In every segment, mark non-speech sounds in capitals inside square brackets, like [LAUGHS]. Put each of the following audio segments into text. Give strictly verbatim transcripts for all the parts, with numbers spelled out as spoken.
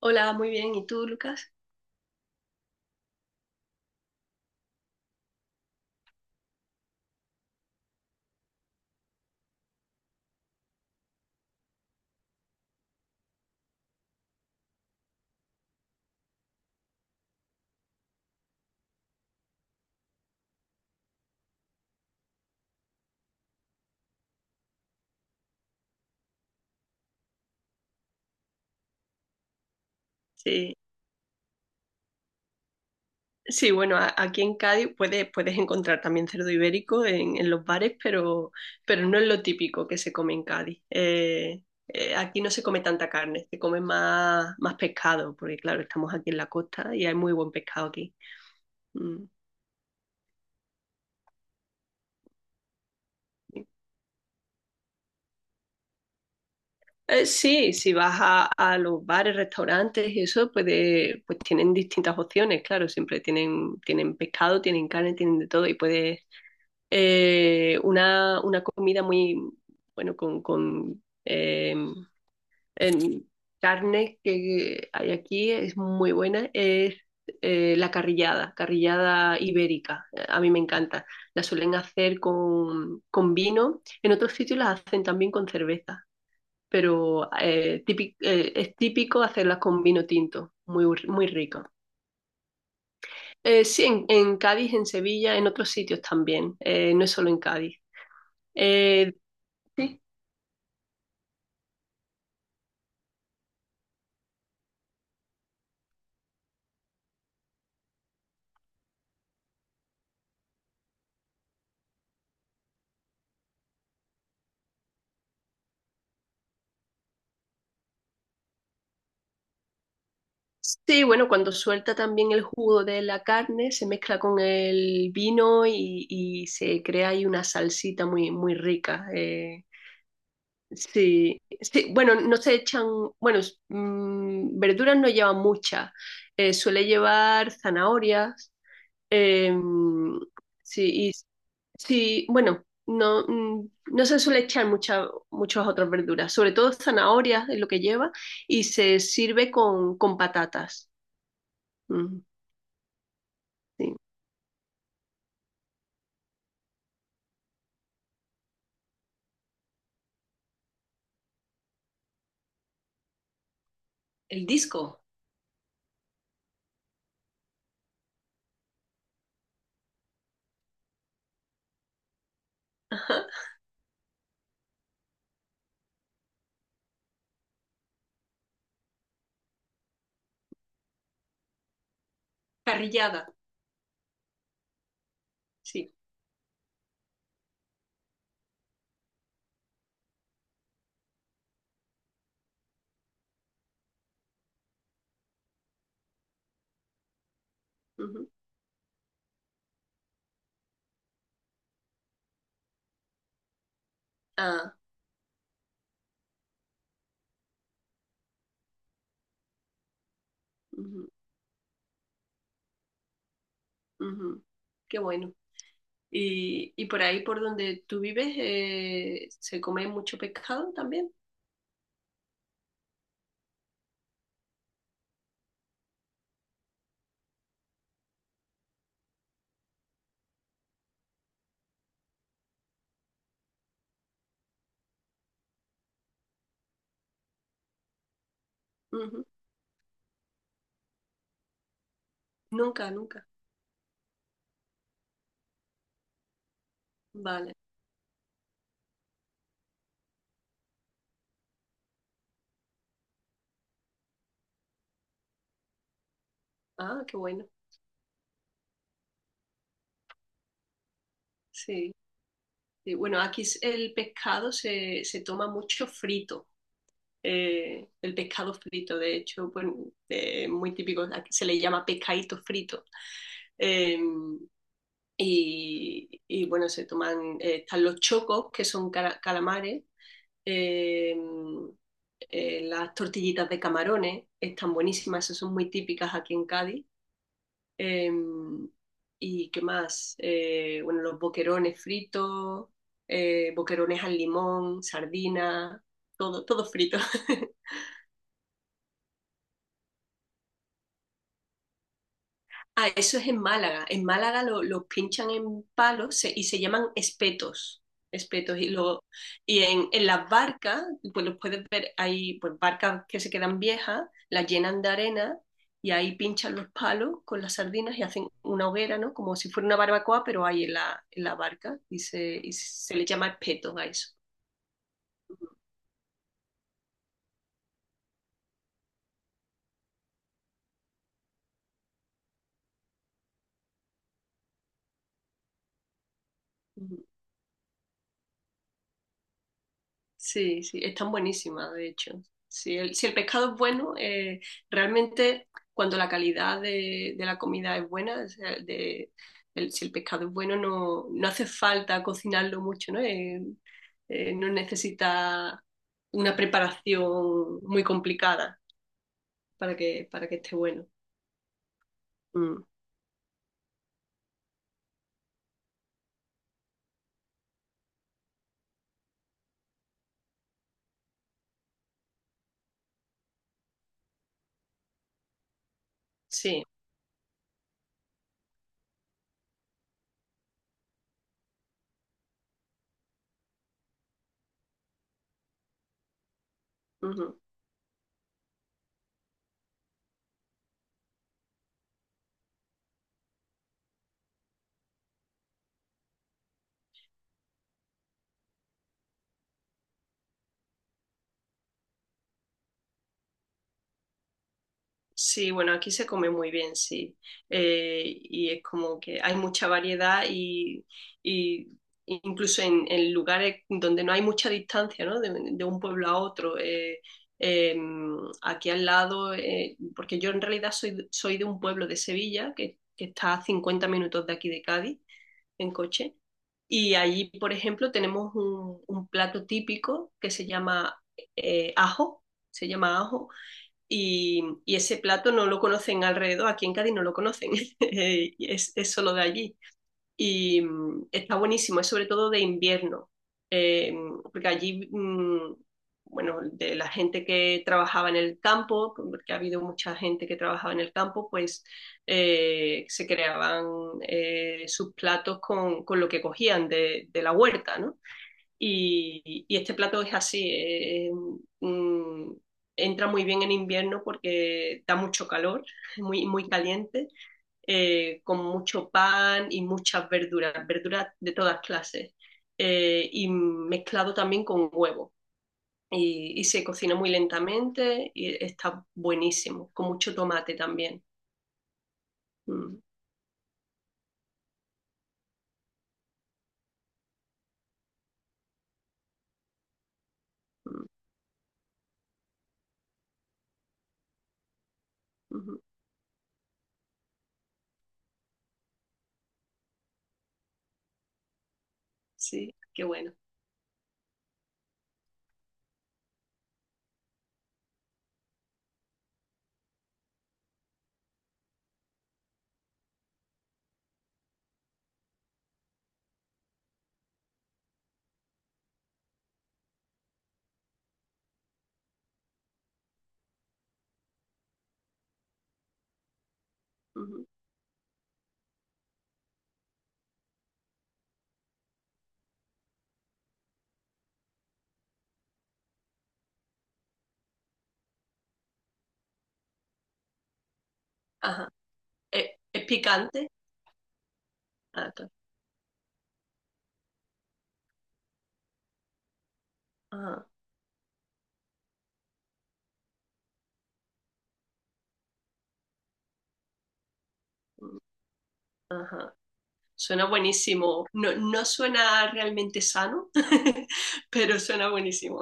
Hola, muy bien. ¿Y tú, Lucas? Sí, sí, bueno, a- aquí en Cádiz puedes, puedes encontrar también cerdo ibérico en, en los bares, pero, pero no es lo típico que se come en Cádiz. Eh, eh, aquí no se come tanta carne, se come más, más pescado, porque claro, estamos aquí en la costa y hay muy buen pescado aquí. Mm. Eh, sí, si vas a, a los bares, restaurantes y eso, pues, de- pues tienen distintas opciones, claro, siempre tienen, tienen pescado, tienen carne, tienen de todo y puedes eh, una, una comida muy, bueno, con, con eh, en carne que hay aquí, es muy buena, es eh, la carrillada, carrillada ibérica. A mí me encanta. La suelen hacer con, con vino. En otros sitios las hacen también con cerveza, pero eh, típic- eh, es típico hacerlas con vino tinto. Muy, muy rico. Eh, sí, en, en Cádiz, en Sevilla, en otros sitios también. Eh, no es solo en Cádiz. Eh, sí, sí, bueno, cuando suelta también el jugo de la carne, se mezcla con el vino y, y se crea ahí una salsita muy, muy rica. Eh, sí, sí, bueno, no se echan, bueno, s- mm, verduras no lleva muchas, eh, suele llevar zanahorias, eh, sí, y sí, bueno, no, mm, no se suele echar muchas, muchas otras verduras, sobre todo zanahorias es lo que lleva y se sirve con, con patatas. Mm, sí. El disco, [LAUGHS] parrillada, sí. Ujú. Ah, ujú, ujú. Qué bueno. Y, y por ahí, por donde tú vives, eh, ¿se come mucho pescado también? Ujú. Nunca, nunca. Vale. Ah, qué bueno. Sí. Sí, bueno, aquí s- el pescado se, se toma mucho frito. Eh, el pescado frito, de hecho, bueno, eh, muy típico. Aquí se le llama pescadito frito. Em, Y, y bueno, se toman, eh, están los chocos, que son cara- calamares, eh, eh, las tortillitas de camarones, están buenísimas, esas son muy típicas aquí en Cádiz. Eh, ¿Y qué más? Eh, bueno, los boquerones fritos, eh, boquerones al limón, sardinas, todo, todo frito. [LAUGHS] Ah, eso es en Málaga. En Málaga lo, lo pinchan en palos se- y se llaman espetos. Espetos. Y, lo, y en, en las barcas, pues los puedes ver, hay pues, barcas que se quedan viejas, las llenan de arena y ahí pinchan los palos con las sardinas y hacen una hoguera, ¿no? Como si fuera una barbacoa, pero ahí en la, en la barca y se, y se le llama espetos a eso. Sí, sí, están buenísimas, de hecho. Si el, si el pescado es bueno, eh, realmente cuando la calidad de, de la comida es buena, o sea, de- el- si el pescado es bueno, no, no hace falta cocinarlo mucho, ¿no? Eh, eh, no necesita una preparación muy complicada para que, para que esté bueno. Mm, sí. Sí, bueno, aquí se come muy bien, sí. Eh, y es como que hay mucha variedad y, y incluso en, en lugares donde no hay mucha distancia, ¿no? De, de un pueblo a otro. eh, eh, Aquí al lado, eh, porque yo en realidad soy, soy de un pueblo de Sevilla, que, que está a cincuenta minutos de aquí de Cádiz, en coche. Y allí, por ejemplo, tenemos un, un plato típico que se llama eh, ajo, se llama ajo y, y, ese plato no lo conocen alrededor, aquí en Cádiz no lo conocen, [LAUGHS] es, es, solo de allí. Y mm, está buenísimo, es sobre todo de invierno, eh, porque allí, mmm, bueno, de la gente que trabajaba en el campo, porque ha habido mucha gente que trabajaba en el campo, pues eh, se creaban eh, sus platos con, con, lo que cogían de, de la huerta, ¿no? Y, y este plato es así, eh, mm, entra muy bien en invierno porque da mucho calor, muy, muy caliente, eh, con mucho pan y muchas verduras, verduras de todas clases, eh, y mezclado también con huevo. Y, y se cocina muy lentamente y está buenísimo, con mucho tomate también. Mm, mm, ujú. Sí, qué bueno. Ujú. Ajá. ¿Es, es picante? Ah, claro. Ajá, ajá. Suena buenísimo. No, no suena realmente sano, [LAUGHS] pero suena buenísimo.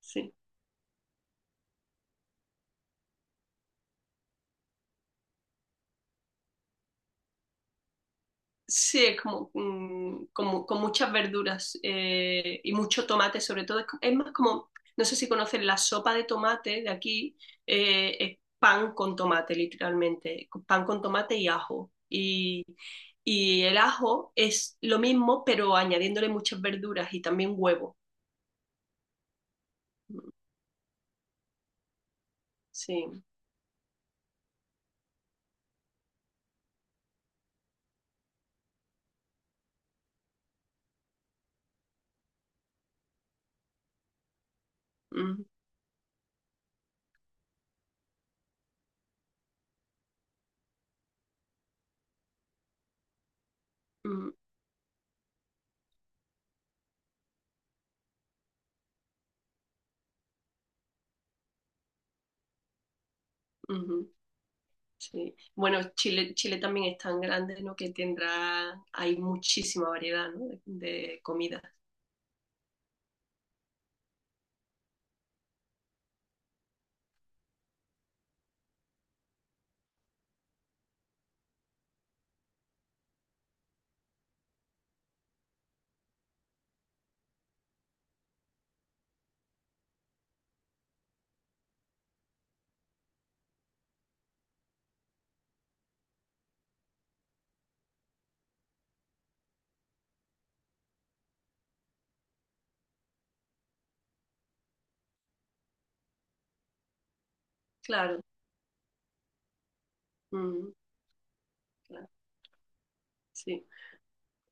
Sí. Sí, es como, mm, como con muchas verduras eh, y mucho tomate, sobre todo. Es, co- es más como, no sé si conocen la sopa de tomate de aquí, eh, es pan con tomate, literalmente. con- Pan con tomate y ajo. Y, y el ajo es lo mismo, pero añadiéndole muchas verduras y también huevo. Mm, sí. Mm, mm, ujú. Sí. Bueno, Chile, Chile también es tan grande, ¿no? Que tendrá, hay muchísima variedad, ¿no? De, de comidas. Claro. Mm, claro, sí.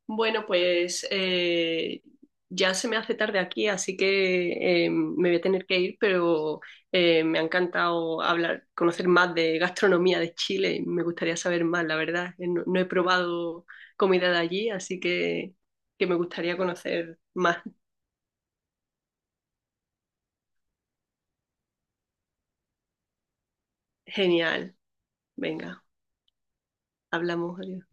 Bueno, pues eh, ya se me hace tarde aquí, así que eh, me voy a tener que ir, pero eh, me ha encantado hablar, conocer más de gastronomía de Chile. Me gustaría saber más, la verdad. Eh, No, no he probado comida de allí, así que, que me gustaría conocer más. Genial. Venga, hablamos. Adiós.